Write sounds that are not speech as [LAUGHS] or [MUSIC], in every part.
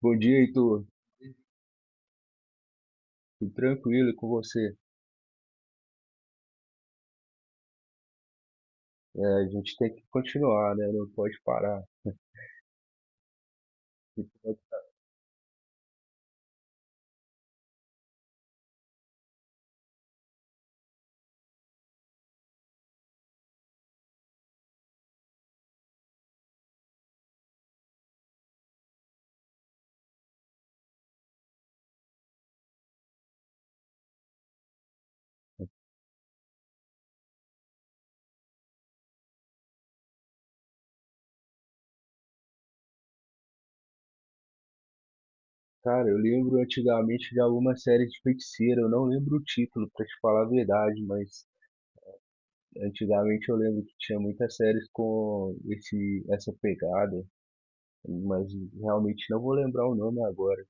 Bom dia, Heitor. Tudo tranquilo e com você? É, a gente tem que continuar, né? Não pode parar. Cara, eu lembro antigamente de alguma série de feiticeira. Eu não lembro o título, pra te falar a verdade, mas antigamente eu lembro que tinha muitas séries com essa pegada, mas realmente não vou lembrar o nome agora.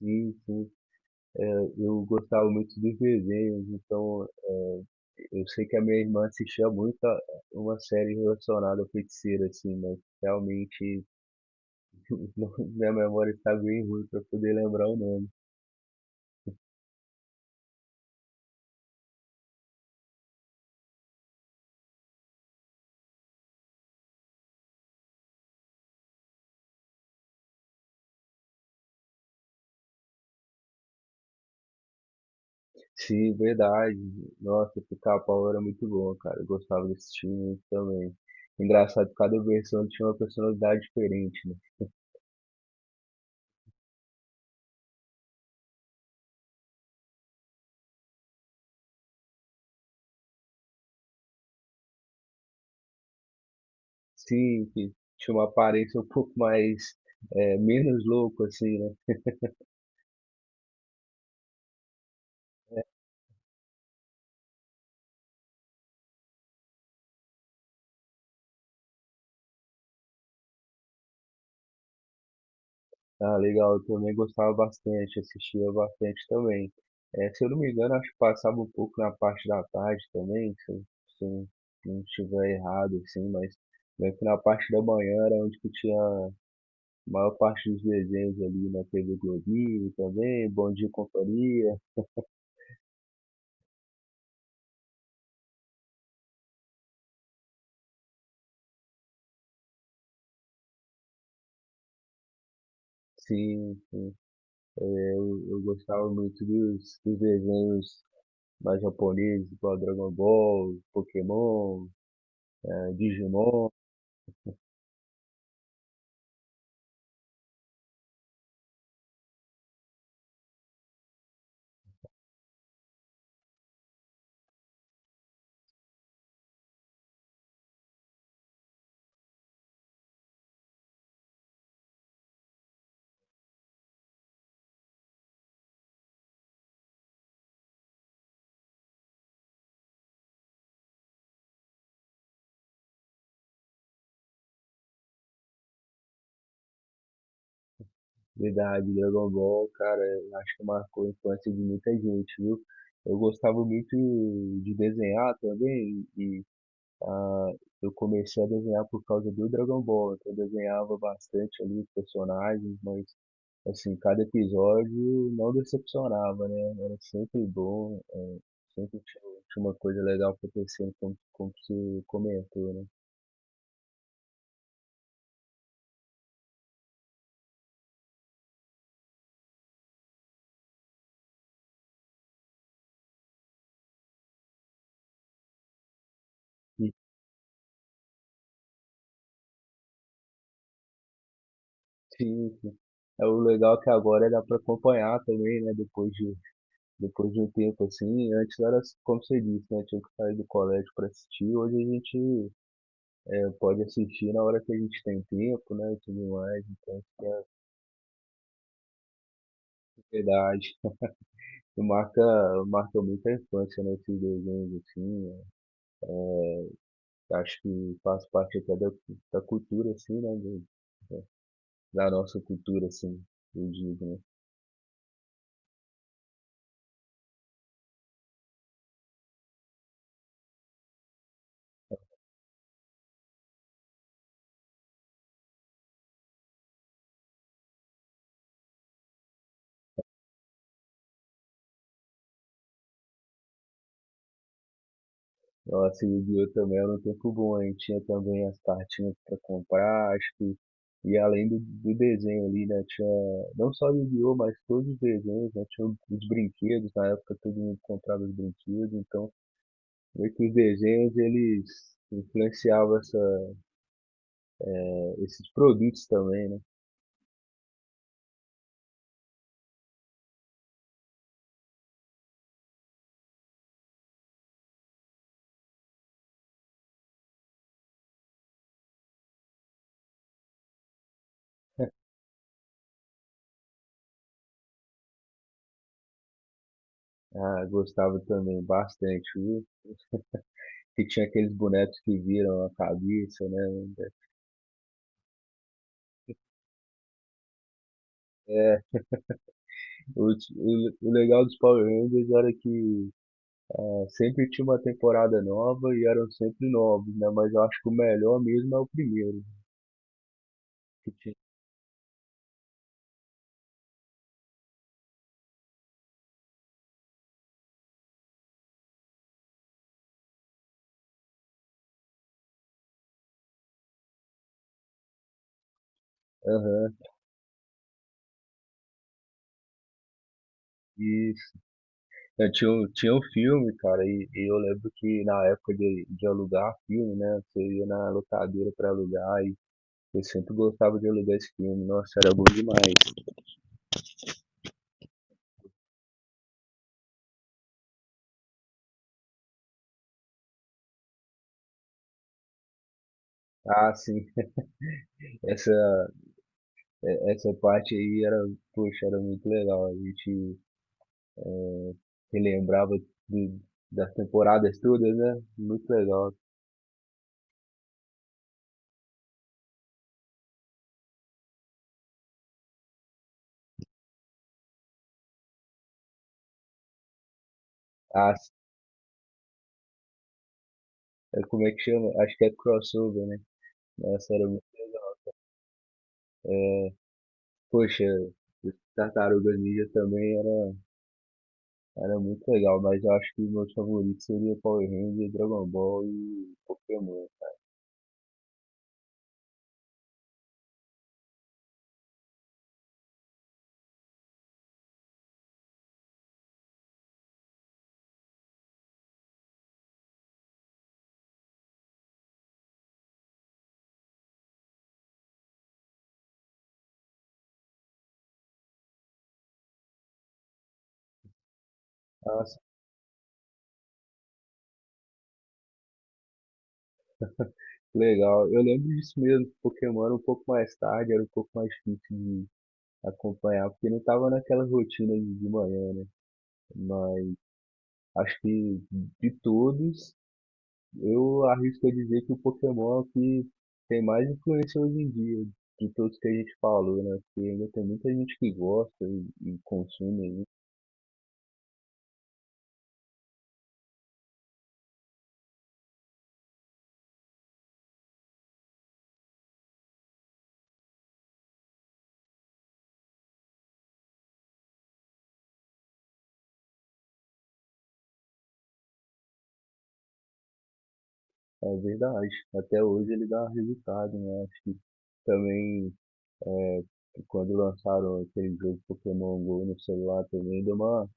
Sim, sim. É, eu gostava muito dos desenhos, então eu sei que a minha irmã assistia muito uma série relacionada a feiticeira assim, mas realmente [LAUGHS] minha memória está bem ruim para poder lembrar o nome. Sim, verdade. Nossa, o Pica-Pau era muito bom, cara. Eu gostava desse time muito também. Engraçado, cada versão tinha uma personalidade diferente, né? Sim, que tinha uma aparência um pouco mais, menos louco, assim, né? Ah, legal, eu também gostava bastante, assistia bastante também. Se eu não me engano, acho que passava um pouco na parte da tarde também, se eu não estiver errado, assim, mas meio que na parte da manhã era onde que tinha a maior parte dos desenhos ali na TV Globinho também, Bom Dia e Companhia. Sim, é, eu gostava muito dos desenhos mais japoneses, igual Dragon Ball, Pokémon, Digimon. Verdade, Dragon Ball, cara, eu acho que marcou a infância de muita gente, viu? Eu gostava muito de desenhar também, e ah, eu comecei a desenhar por causa do Dragon Ball, então eu desenhava bastante ali os personagens, mas assim, cada episódio não decepcionava, né? Era sempre bom, sempre tinha, tinha uma coisa legal acontecendo, como você comentou, né? E, sim, sim. É, o legal é que agora dá para acompanhar também, né? Depois de um tempo, assim, antes era, como você disse, né? Tinha que sair do colégio para assistir. Hoje a gente pode assistir na hora que a gente tem tempo, né? E tudo mais, né, é verdade. E Marca, marca muito a infância, né? Esses desenhos, assim. É. Acho que faz parte até da cultura, assim, né? Da nossa cultura, assim, eu digo, né? Nossa, Yu-Gi-Oh! Também era um tempo bom, hein? Tinha também as cartinhas pra comprar, e além do desenho ali, né? Tinha não só Yu-Gi-Oh! Mas todos os desenhos, né? Tinha os brinquedos, na época todo mundo comprava os brinquedos, então meio que os desenhos eles influenciavam esses produtos também, né? Ah, gostava também bastante, viu? Que tinha aqueles bonecos que viram a cabeça, né? É, o legal dos Power Rangers era que é, sempre tinha uma temporada nova e eram sempre novos, né? Mas eu acho que o melhor mesmo é o primeiro, né? Que tinha. Aham, isso. Eu tinha, tinha um filme, cara, e eu lembro que na época de alugar filme, né? Você ia na locadora pra alugar e eu sempre gostava de alugar esse filme. Nossa, era bom demais. Ah, sim, [LAUGHS] essa, essa parte aí era, poxa, era muito legal. A gente eh, relembrava de- das temporadas todas, né? Muito legal. Ah, é, como é que chama? Acho que é crossover, né? Nossa, era muito legal. É, poxa, os Tartarugas Ninja também era, era muito legal, mas eu acho que meus favoritos seriam Power Rangers, Dragon Ball e Pokémon. Nossa, que legal. Eu lembro disso mesmo, que Pokémon era um pouco mais tarde, era um pouco mais difícil de acompanhar, porque não tava naquela rotina de manhã, né? Mas acho que de todos, eu arrisco a dizer que o Pokémon é o que tem mais influência hoje em dia, de todos que a gente falou, né? Porque ainda tem muita gente que gosta e consome aí. É verdade. Até hoje ele dá resultado, né? Acho que também é, quando lançaram aquele jogo Pokémon Go no celular também deu uma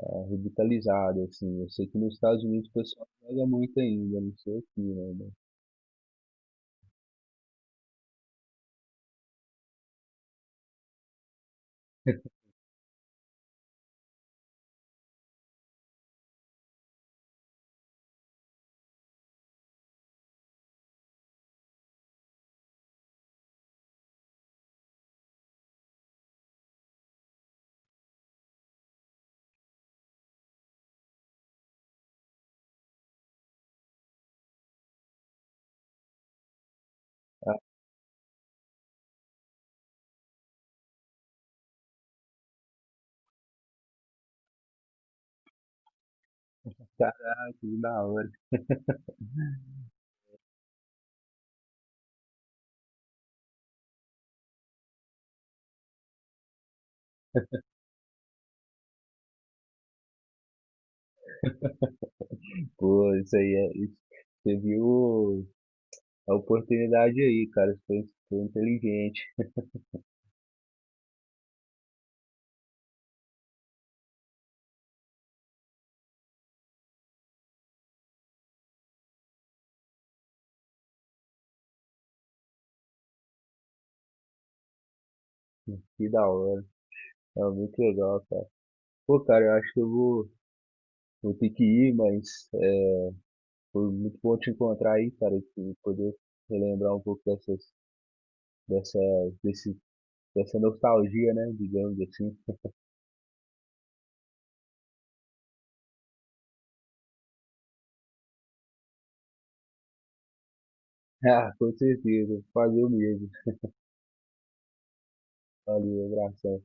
revitalizada, assim. Eu sei que nos Estados Unidos o pessoal joga muito ainda, não sei aqui, né? Mas, ah, caraca, que da hora. [LAUGHS] Pô, isso aí é. Isso. Você viu a oportunidade aí, cara. Você foi, foi inteligente. Que da hora. É muito legal, cara. Pô, cara, eu acho que eu vou, vou ter que ir, mas é, foi muito bom te encontrar aí, cara, e poder relembrar um pouco dessas, dessa, desse, dessa nostalgia, né? Digamos assim. [LAUGHS] Ah, com certeza. Fazer o mesmo. Valeu, abração.